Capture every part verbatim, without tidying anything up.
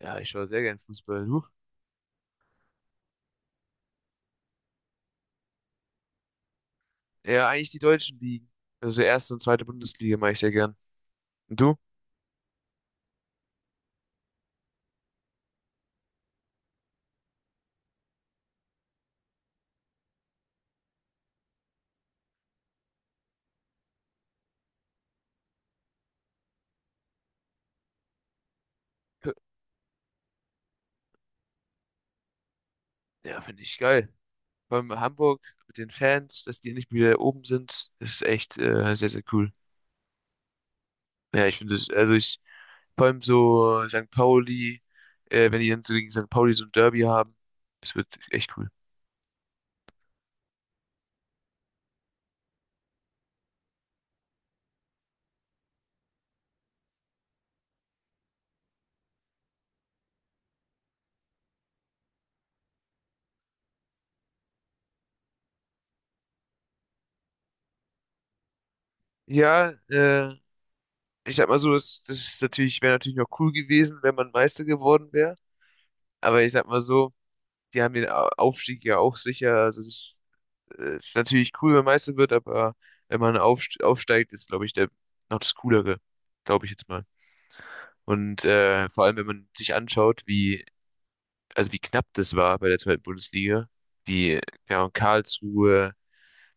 Ja, ich schaue sehr gern Fußball. Du? Ja, eigentlich die deutschen Ligen. Also erste und zweite Bundesliga mache ich sehr gern. Und du? Ja, finde ich geil. Vor allem Hamburg mit den Fans, dass die endlich wieder oben sind, ist echt äh, sehr, sehr cool. Ja, ich finde es, also ich, vor allem so Sankt Pauli, äh, wenn die dann so gegen Sankt Pauli so ein Derby haben, das wird echt cool. Ja, äh, ich sag mal so, das, das ist natürlich, wäre natürlich noch cool gewesen, wenn man Meister geworden wäre. Aber ich sag mal so, die haben den Au- Aufstieg ja auch sicher. Also es ist, äh, ist natürlich cool, wenn Meister wird, aber wenn man aufst aufsteigt, ist, glaube ich, der noch das Coolere, glaube ich jetzt mal. Und äh, vor allem, wenn man sich anschaut, wie, also wie knapp das war bei der zweiten Bundesliga, wie ja, und Karlsruhe,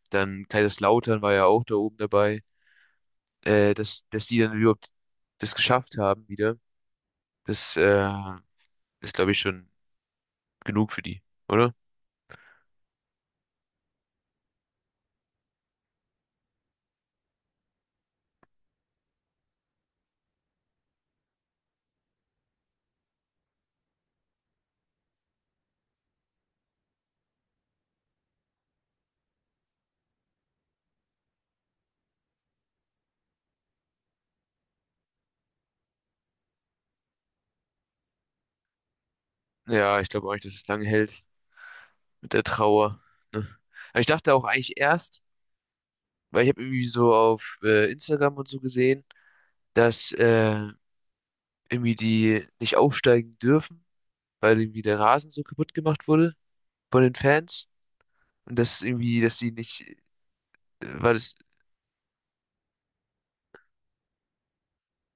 dann Kaiserslautern war ja auch da oben dabei, äh, dass, dass die dann überhaupt das geschafft haben wieder, das äh, ist, glaube ich, schon genug für die, oder? Ja, ich glaube auch nicht, dass es lange hält. mit der Trauer. Ne? Aber ich dachte auch eigentlich erst, weil ich habe irgendwie so auf äh, Instagram und so gesehen, dass äh, irgendwie die nicht aufsteigen dürfen, weil irgendwie der Rasen so kaputt gemacht wurde von den Fans. Und das irgendwie, dass sie nicht, äh, weil das,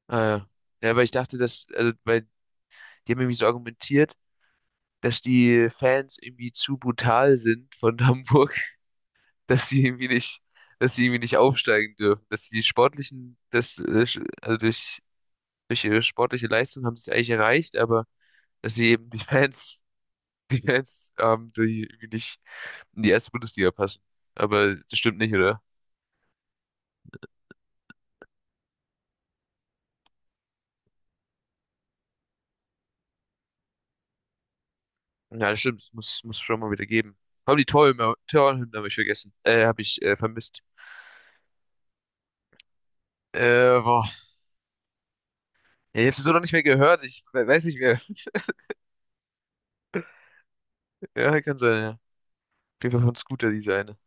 äh, ja, ja, weil ich dachte, dass, also, weil die haben irgendwie so argumentiert, dass die Fans irgendwie zu brutal sind von Hamburg, dass sie irgendwie nicht, dass sie irgendwie nicht aufsteigen dürfen, dass die sportlichen, das, äh, sch- also durch durch ihre sportliche Leistung haben sie es eigentlich erreicht, aber dass sie eben die Fans, die Fans haben, die irgendwie nicht in die erste Bundesliga passen. Aber das stimmt nicht, oder? Ja, das stimmt, das muss, muss schon mal wieder geben. Haben die Torhymne, Torhymne habe ich vergessen, äh, habe ich äh, vermisst. Äh, boah, ja, ich habe sie so noch nicht mehr gehört, ich we- weiß nicht mehr. Ja, kann sein, ja. Auf jeden Fall von Scooter, diese eine.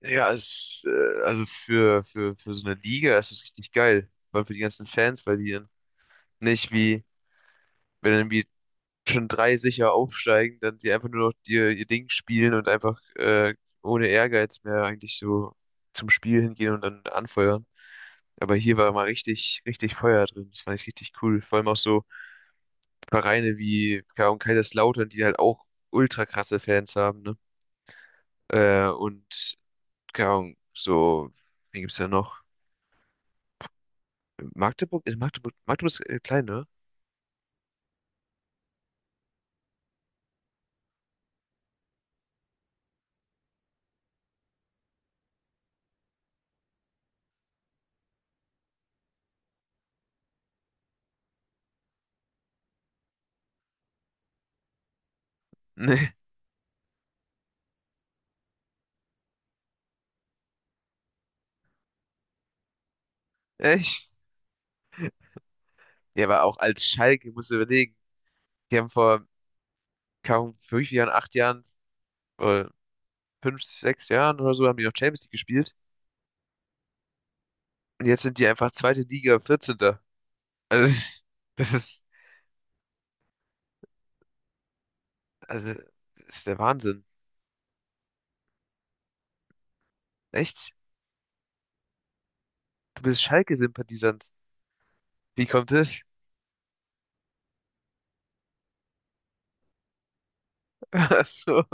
Ja, es, äh, also für, für, für so eine Liga ist es richtig geil. Vor allem für die ganzen Fans, weil die dann nicht wie, wenn dann wie schon drei sicher aufsteigen, dann die einfach nur noch ihr, ihr Ding spielen und einfach äh, ohne Ehrgeiz mehr eigentlich so zum Spiel hingehen und dann anfeuern. Aber hier war mal richtig, richtig Feuer drin. Das fand ich richtig cool. Vor allem auch so Vereine wie keine Ahnung, Kaiserslautern, die halt auch ultra krasse Fans haben, ne? Äh, und keine Ahnung, so, wen gibt's da noch? Magdeburg? Ist Magdeburg, Magdeburg ist äh, klein, ne? Nee, echt? Ja, aber auch als Schalke, musst du überlegen. Die haben vor kaum fünf Jahren, acht Jahren, äh, fünf, sechs Jahren oder so haben die noch Champions League gespielt. Und jetzt sind die einfach zweite Liga, vierzehnter. Also, das ist, das ist- also, das ist der Wahnsinn. Echt? Du bist Schalke-Sympathisant. Wie kommt das? Ach so.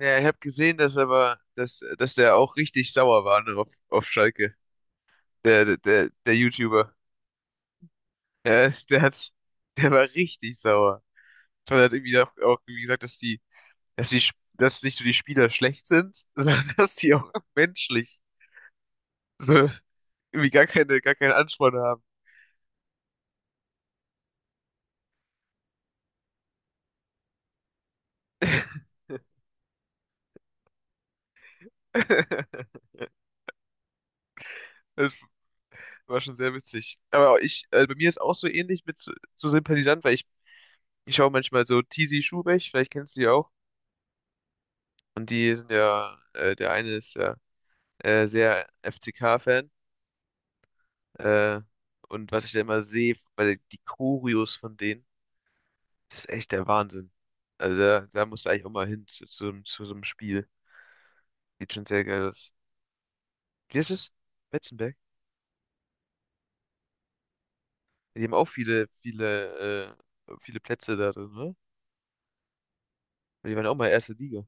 Ja, ich habe gesehen, dass aber, dass, dass der auch richtig sauer war, ne, auf, auf Schalke. Der, der, der der YouTuber. Der, der hat, der war richtig sauer. Und hat irgendwie auch, auch irgendwie gesagt, dass die dass die, Sp- dass nicht nur die Spieler schlecht sind, sondern dass die auch menschlich so irgendwie gar keine, gar keinen Ansporn haben. Das war schon sehr witzig. Aber ich, äh, bei mir ist auch so ähnlich mit so so Sympathisant, weil ich, ich schaue manchmal so Tizi Schubeck, vielleicht kennst du die auch. Und die sind ja, äh, der eine ist ja äh, sehr F C K-Fan. Äh, und was ich da immer sehe, weil die Choreos von denen, das ist echt der Wahnsinn. Also da, da musst du eigentlich auch mal hin zu, zu, zu so einem Spiel. Sieht schon sehr geil aus. Wie ist es? Betzenberg? Die haben auch viele, viele, äh, viele Plätze da drin, ne? Weil Die waren auch mal erste Liga.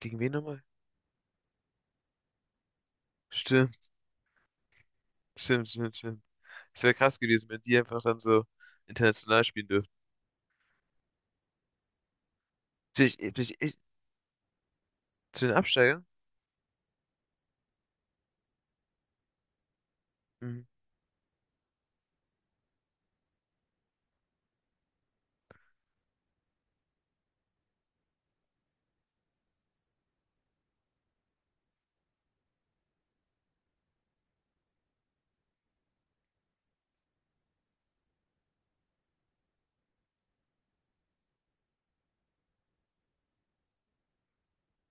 Gegen wen nochmal? Stimmt, stimmt, stimmt, stimmt. Es wäre krass gewesen, wenn die einfach dann so international spielen dürften. Vielleicht, äh, vielleicht echt zu den Absteigern? Mhm.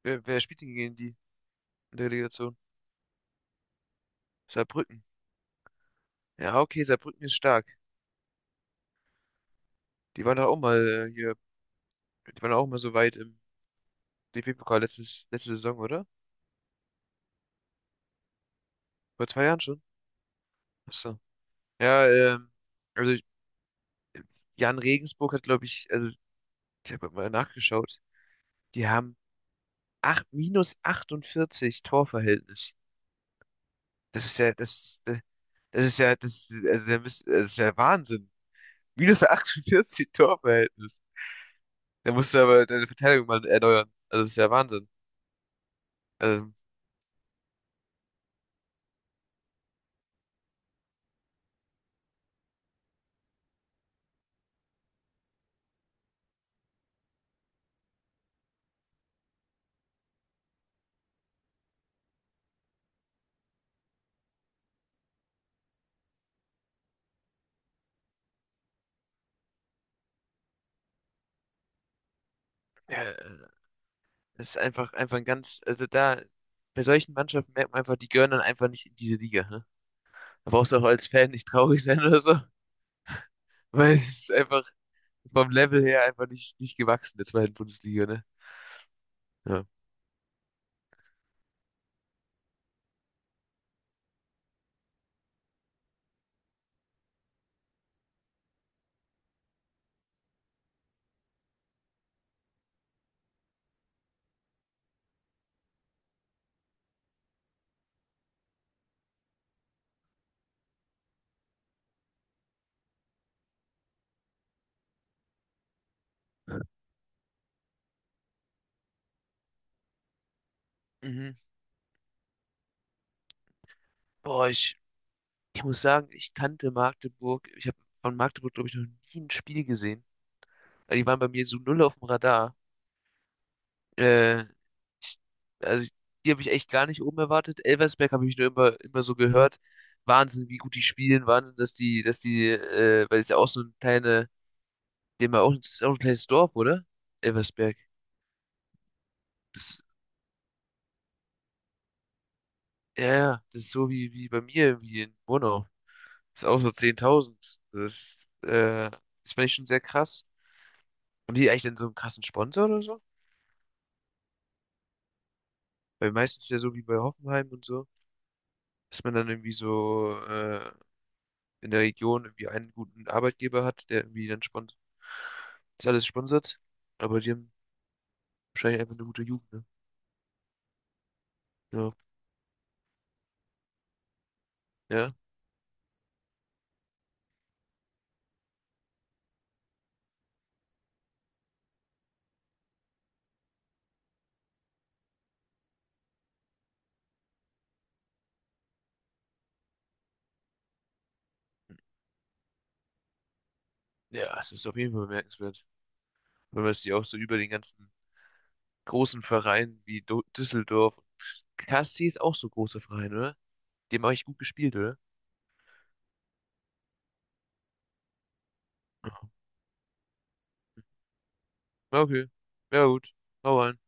Wer, wer spielt denn gegen die in der Relegation? Saarbrücken. Ja, okay, Saarbrücken ist stark. Die waren doch auch mal äh, hier, die waren auch mal so weit im D F B-Pokal letztes, letzte Saison, oder? Vor zwei Jahren schon. Achso. Ja, ähm, also Jan Regensburg hat, glaube ich, also ich habe mal nachgeschaut, die haben acht minus achtundvierzig Torverhältnis. Das ist ja, das, äh, das ist ja, das, also der müsst, das ist ja Wahnsinn. Minus achtundvierzig Torverhältnis. Da musst du aber deine Verteidigung mal erneuern. Also das ist ja Wahnsinn. Also, ja, das ist einfach, einfach ein ganz, also da, bei solchen Mannschaften merkt man einfach, die gehören dann einfach nicht in diese Liga. Ne? Da brauchst du auch als Fan nicht traurig sein oder so, weil es ist einfach vom Level her einfach nicht, nicht gewachsen, der zweiten Bundesliga, ne? Ja. Mhm. Boah, ich, ich muss sagen, ich kannte Magdeburg. Ich habe von Magdeburg, glaube ich, noch nie ein Spiel gesehen. Weil Die waren bei mir so null auf dem Radar. Äh, ich, also, die habe ich echt gar nicht oben erwartet. Elversberg habe ich nur immer, immer so gehört. Wahnsinn, wie gut die spielen. Wahnsinn, dass die, dass die, äh, weil es ja auch so ein kleine, dem ja auch, das ist ja auch ein kleines Dorf, oder? Elversberg. Das, ja, ja, das ist so wie, wie bei mir, wie in Murnau. Das ist auch so zehntausend. Das, äh, das fand ich schon sehr krass. Haben die eigentlich dann so einen krassen Sponsor oder so? Weil meistens ja so wie bei Hoffenheim und so, dass man dann irgendwie so äh, in der Region irgendwie einen guten Arbeitgeber hat, der irgendwie dann sponsert, das alles sponsert. Aber die haben wahrscheinlich einfach eine gute Jugend, ne? Ja, ja. Ja, es ist auf jeden Fall bemerkenswert. Wenn man es die auch so über den ganzen großen Vereinen wie Do Düsseldorf. K S C ist auch so ein großer Verein, oder? Die haben eigentlich gut gespielt, oder? Ja, ja, okay. Ja, gut. Hau rein.